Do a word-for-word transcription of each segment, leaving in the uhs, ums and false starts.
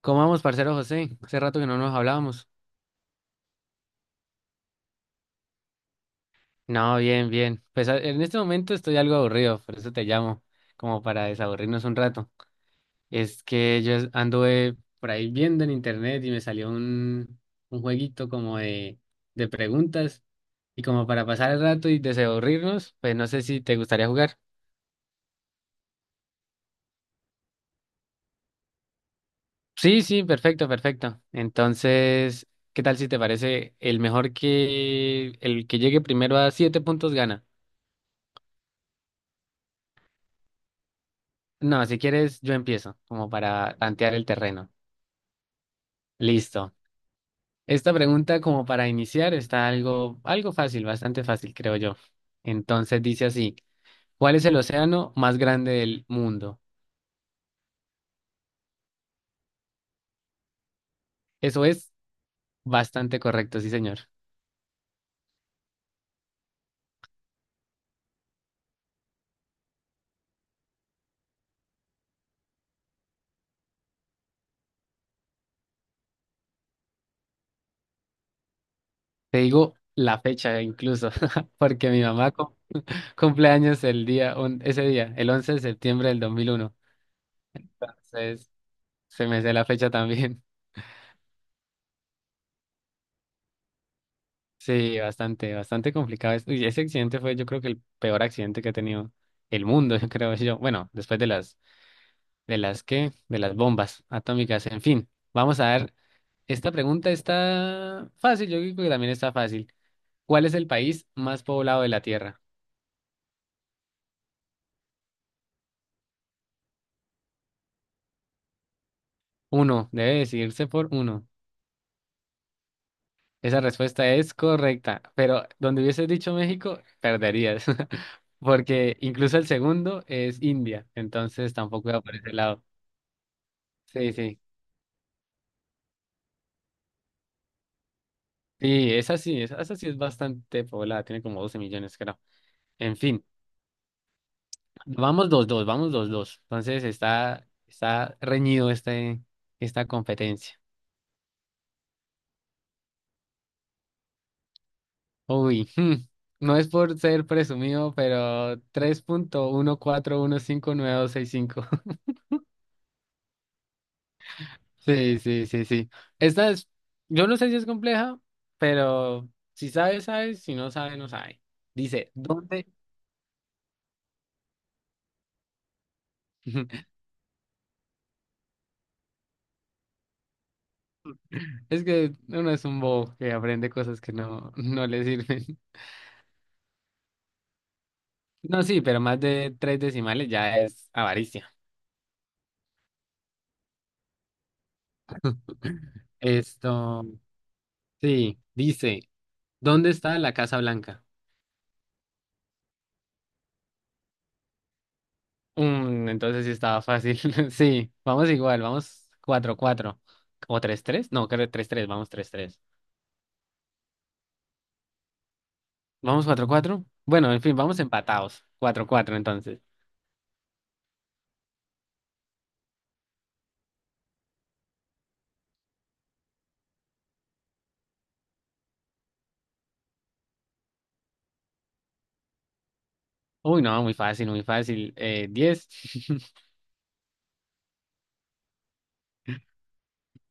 ¿Cómo vamos, parcero José? Hace rato que no nos hablábamos. No, bien, bien. Pues a- en este momento estoy algo aburrido, por eso te llamo, como para desaburrirnos un rato. Es que yo es- anduve por ahí viendo en internet y me salió un, un jueguito como de, de preguntas y como para pasar el rato y desaburrirnos, pues no sé si te gustaría jugar. Sí, sí, perfecto, perfecto. Entonces, ¿qué tal si te parece el mejor que el que llegue primero a siete puntos gana? No, si quieres, yo empiezo, como para tantear el terreno. Listo. Esta pregunta, como para iniciar, está algo, algo fácil, bastante fácil, creo yo. Entonces dice así, ¿cuál es el océano más grande del mundo? Eso es bastante correcto, sí, señor. Te digo la fecha incluso, porque mi mamá cum- cumple años el día, un- ese día, el once de septiembre del 2001. Entonces, se me sé la fecha también. Sí, bastante, bastante complicado. Es- uy, ese accidente fue, yo creo que el peor accidente que ha tenido el mundo, yo creo yo. Bueno, después de las, de las que, de las bombas atómicas. En fin, vamos a ver. Esta pregunta está fácil, yo creo que también está fácil. ¿Cuál es el país más poblado de la Tierra? Uno, debe decidirse por uno. Esa respuesta es correcta, pero donde hubieses dicho México, perderías, porque incluso el segundo es India, entonces tampoco va por ese lado. Sí, sí. Sí, esa sí, esa, esa sí es bastante poblada, tiene como doce millones, creo. En fin, vamos dos dos, vamos dos dos. Entonces está, está reñido este, esta competencia. Uy, hmm, no es por ser presumido, pero tres punto uno uno cuatro uno cinco nueve dos seis cinco. Sí, sí, sí, sí. Esta es, yo no sé si es compleja, pero si sabes, sabes, si no sabes, no sabes. Dice, ¿dónde? Es que uno es un bobo que aprende cosas que no, no le sirven. No, sí, pero más de tres decimales ya es avaricia. Esto, sí, dice, ¿dónde está la Casa Blanca? Mm, entonces sí estaba fácil. Sí, vamos igual, vamos cuatro cuatro o tres tres. No, creo tres tres, vamos tres tres, vamos cuatro cuatro. Bueno, en fin, vamos empatados. Cuatro cuatro entonces. Uy, no, muy fácil, muy fácil. Eh, diez.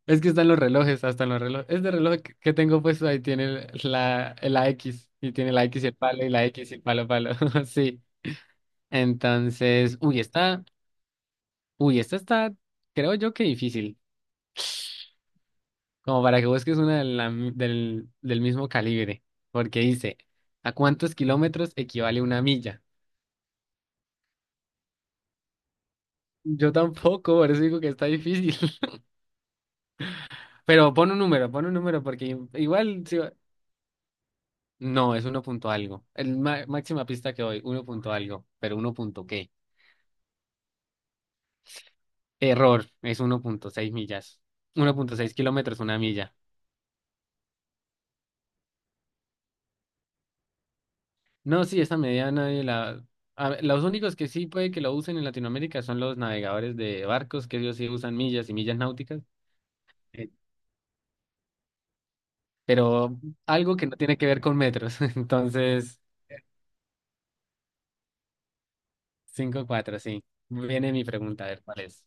Es que están los relojes, hasta en los relojes. Este reloj que que tengo puesto ahí tiene la, la X. Y tiene la X y el palo, y la X y el palo, palo. Sí. Entonces, uy, esta, uy, esta está, creo yo que difícil, como para que busques una de la mi- del, del mismo calibre, porque dice, ¿a cuántos kilómetros equivale una milla? Yo tampoco, por eso digo que está difícil. Pero pon un número, pon un número, porque igual, si va- no, es uno punto algo. El ma- máxima pista que doy, uno punto algo, pero uno punto qué. Error, es uno punto seis millas. Uno punto seis kilómetros, una milla. No, sí, esa medida nadie la... A ver, los únicos que sí puede que lo usen en Latinoamérica son los navegadores de barcos, que ellos sí usan millas y millas náuticas, eh, pero algo que no tiene que ver con metros. Entonces, cinco cuatro, sí. Viene mi pregunta, a ver cuál es.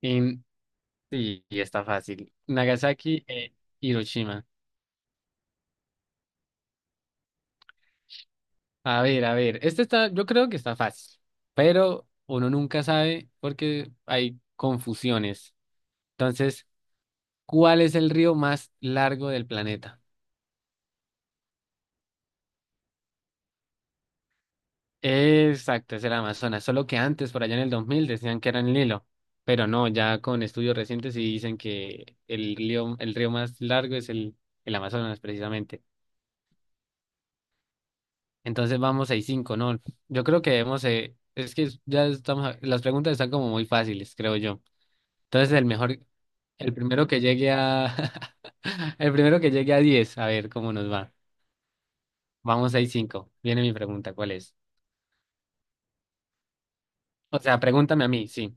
Y, sí, y está fácil. Nagasaki e Hiroshima. A ver, a ver, este está, yo creo que está fácil, pero uno nunca sabe porque hay confusiones. Entonces, ¿cuál es el río más largo del planeta? Exacto, es el Amazonas, solo que antes, por allá en el dos mil, decían que era el Nilo, pero no, ya con estudios recientes sí dicen que el río, el río más largo es el, el Amazonas, precisamente. Entonces vamos 6 cinco, ¿no? Yo creo que debemos, eh, es que ya estamos, a- las preguntas están como muy fáciles, creo yo. Entonces el mejor, el primero que llegue a, el primero que llegue a diez, a ver cómo nos va. Vamos seis cinco, viene mi pregunta, ¿cuál es? O sea, pregúntame a mí, sí.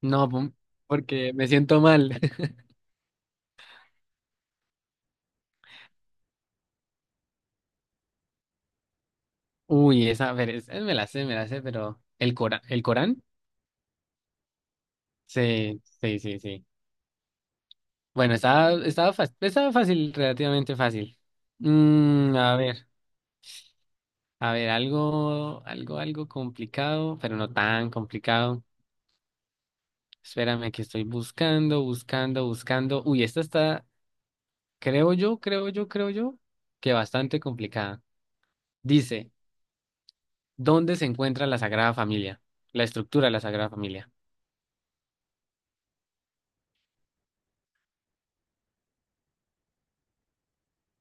No, pum, porque me siento mal. Uy, esa, a ver, es- me la sé, me la sé, pero el Corán, el Corán, sí, sí, sí, sí. Bueno, estaba, estaba, fácil, estaba fácil, relativamente fácil. Mm, a ver, a ver, algo, algo, algo complicado, pero no tan complicado. Espérame que estoy buscando, buscando, buscando. Uy, esta está, creo yo, creo yo, creo yo, que bastante complicada. Dice, ¿dónde se encuentra la Sagrada Familia? La estructura de la Sagrada Familia.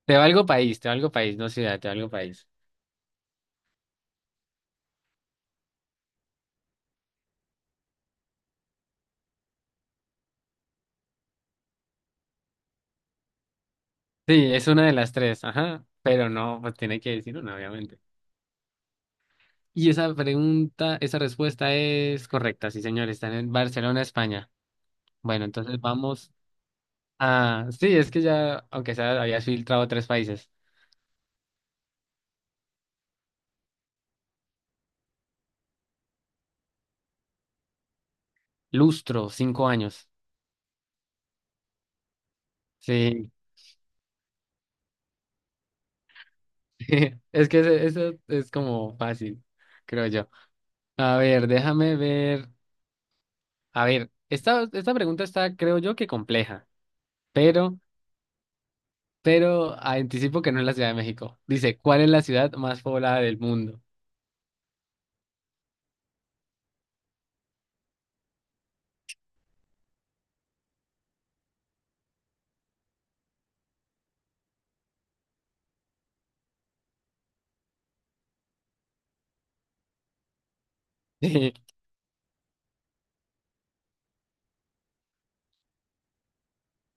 Te valgo país, te valgo país, no ciudad, te valgo país. Sí, es una de las tres, ajá, pero no, pues tiene que decir una, obviamente. Y esa pregunta, esa respuesta es correcta, sí, señor, están en Barcelona, España. Bueno, entonces vamos a... Sí, es que ya, aunque sea, habías filtrado tres países. Lustro, cinco años. Sí, es que ese- eso es como fácil, creo yo. A ver, déjame ver. A ver, esta, esta pregunta está, creo yo, que compleja, pero... pero anticipo que no es la Ciudad de México. Dice, ¿cuál es la ciudad más poblada del mundo?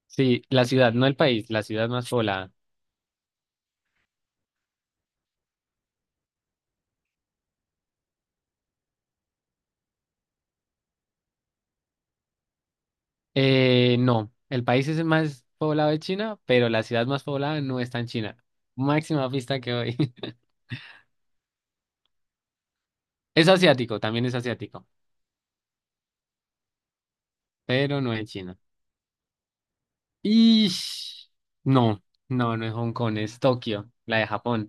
Sí, la ciudad, no el país, la ciudad más poblada. Eh, no, el país es el más poblado de China, pero la ciudad más poblada no está en China. Máxima pista que doy. Es asiático, también es asiático, pero no es China. Y no, no, no es Hong Kong, es Tokio, la de Japón.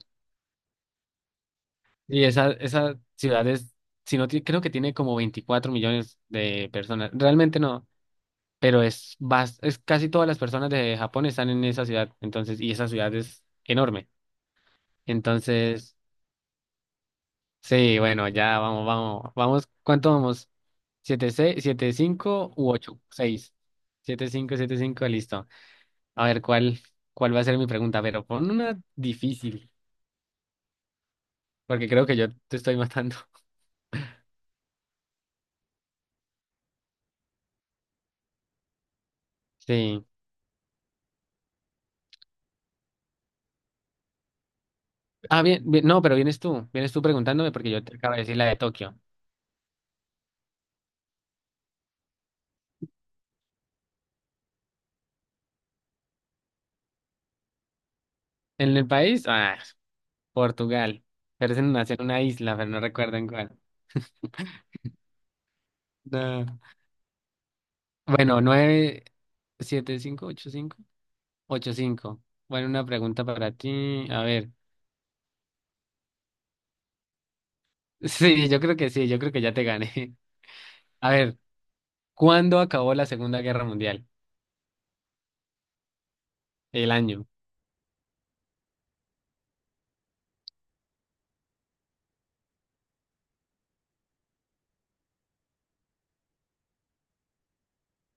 Y esa, esa ciudad es, si no, ti- creo que tiene como veinticuatro millones de personas. Realmente no. Pero es, bas- es casi todas las personas de Japón están en esa ciudad, entonces, y esa ciudad es enorme. Entonces, sí, bueno, ya vamos, vamos, vamos, ¿cuánto vamos? ¿Siete, seis, siete, cinco u ocho? Seis. Siete, cinco, siete, cinco, listo. A ver, ¿cuál, cuál va a ser mi pregunta? Pero pon una difícil, porque creo que yo te estoy matando. Sí. Ah, bien, bien, no, pero vienes tú, vienes tú preguntándome porque yo te acabo de decir la de Tokio. En el país, ah, Portugal, pero es en una, en una isla, pero no recuerdo en cuál. No. Bueno, nueve siete cinco, ocho cinco, ocho cinco. Bueno, una pregunta para ti. A ver. Sí, yo creo que sí, yo creo que ya te gané. A ver, ¿cuándo acabó la Segunda Guerra Mundial? El año.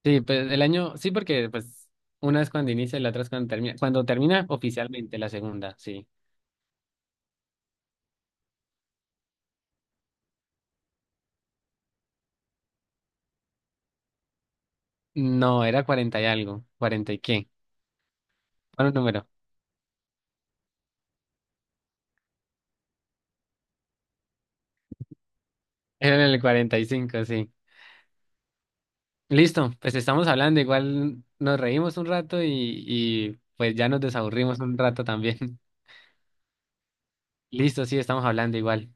Sí, pues el año, sí, porque pues una es cuando inicia y la otra es cuando termina. Cuando termina oficialmente la segunda, sí. No, era cuarenta y algo. ¿Cuarenta y qué? ¿Cuál número? Era en el cuarenta y cinco, sí. Listo, pues estamos hablando, igual nos reímos un rato y, y pues ya nos desaburrimos un rato también. Listo, sí, estamos hablando igual.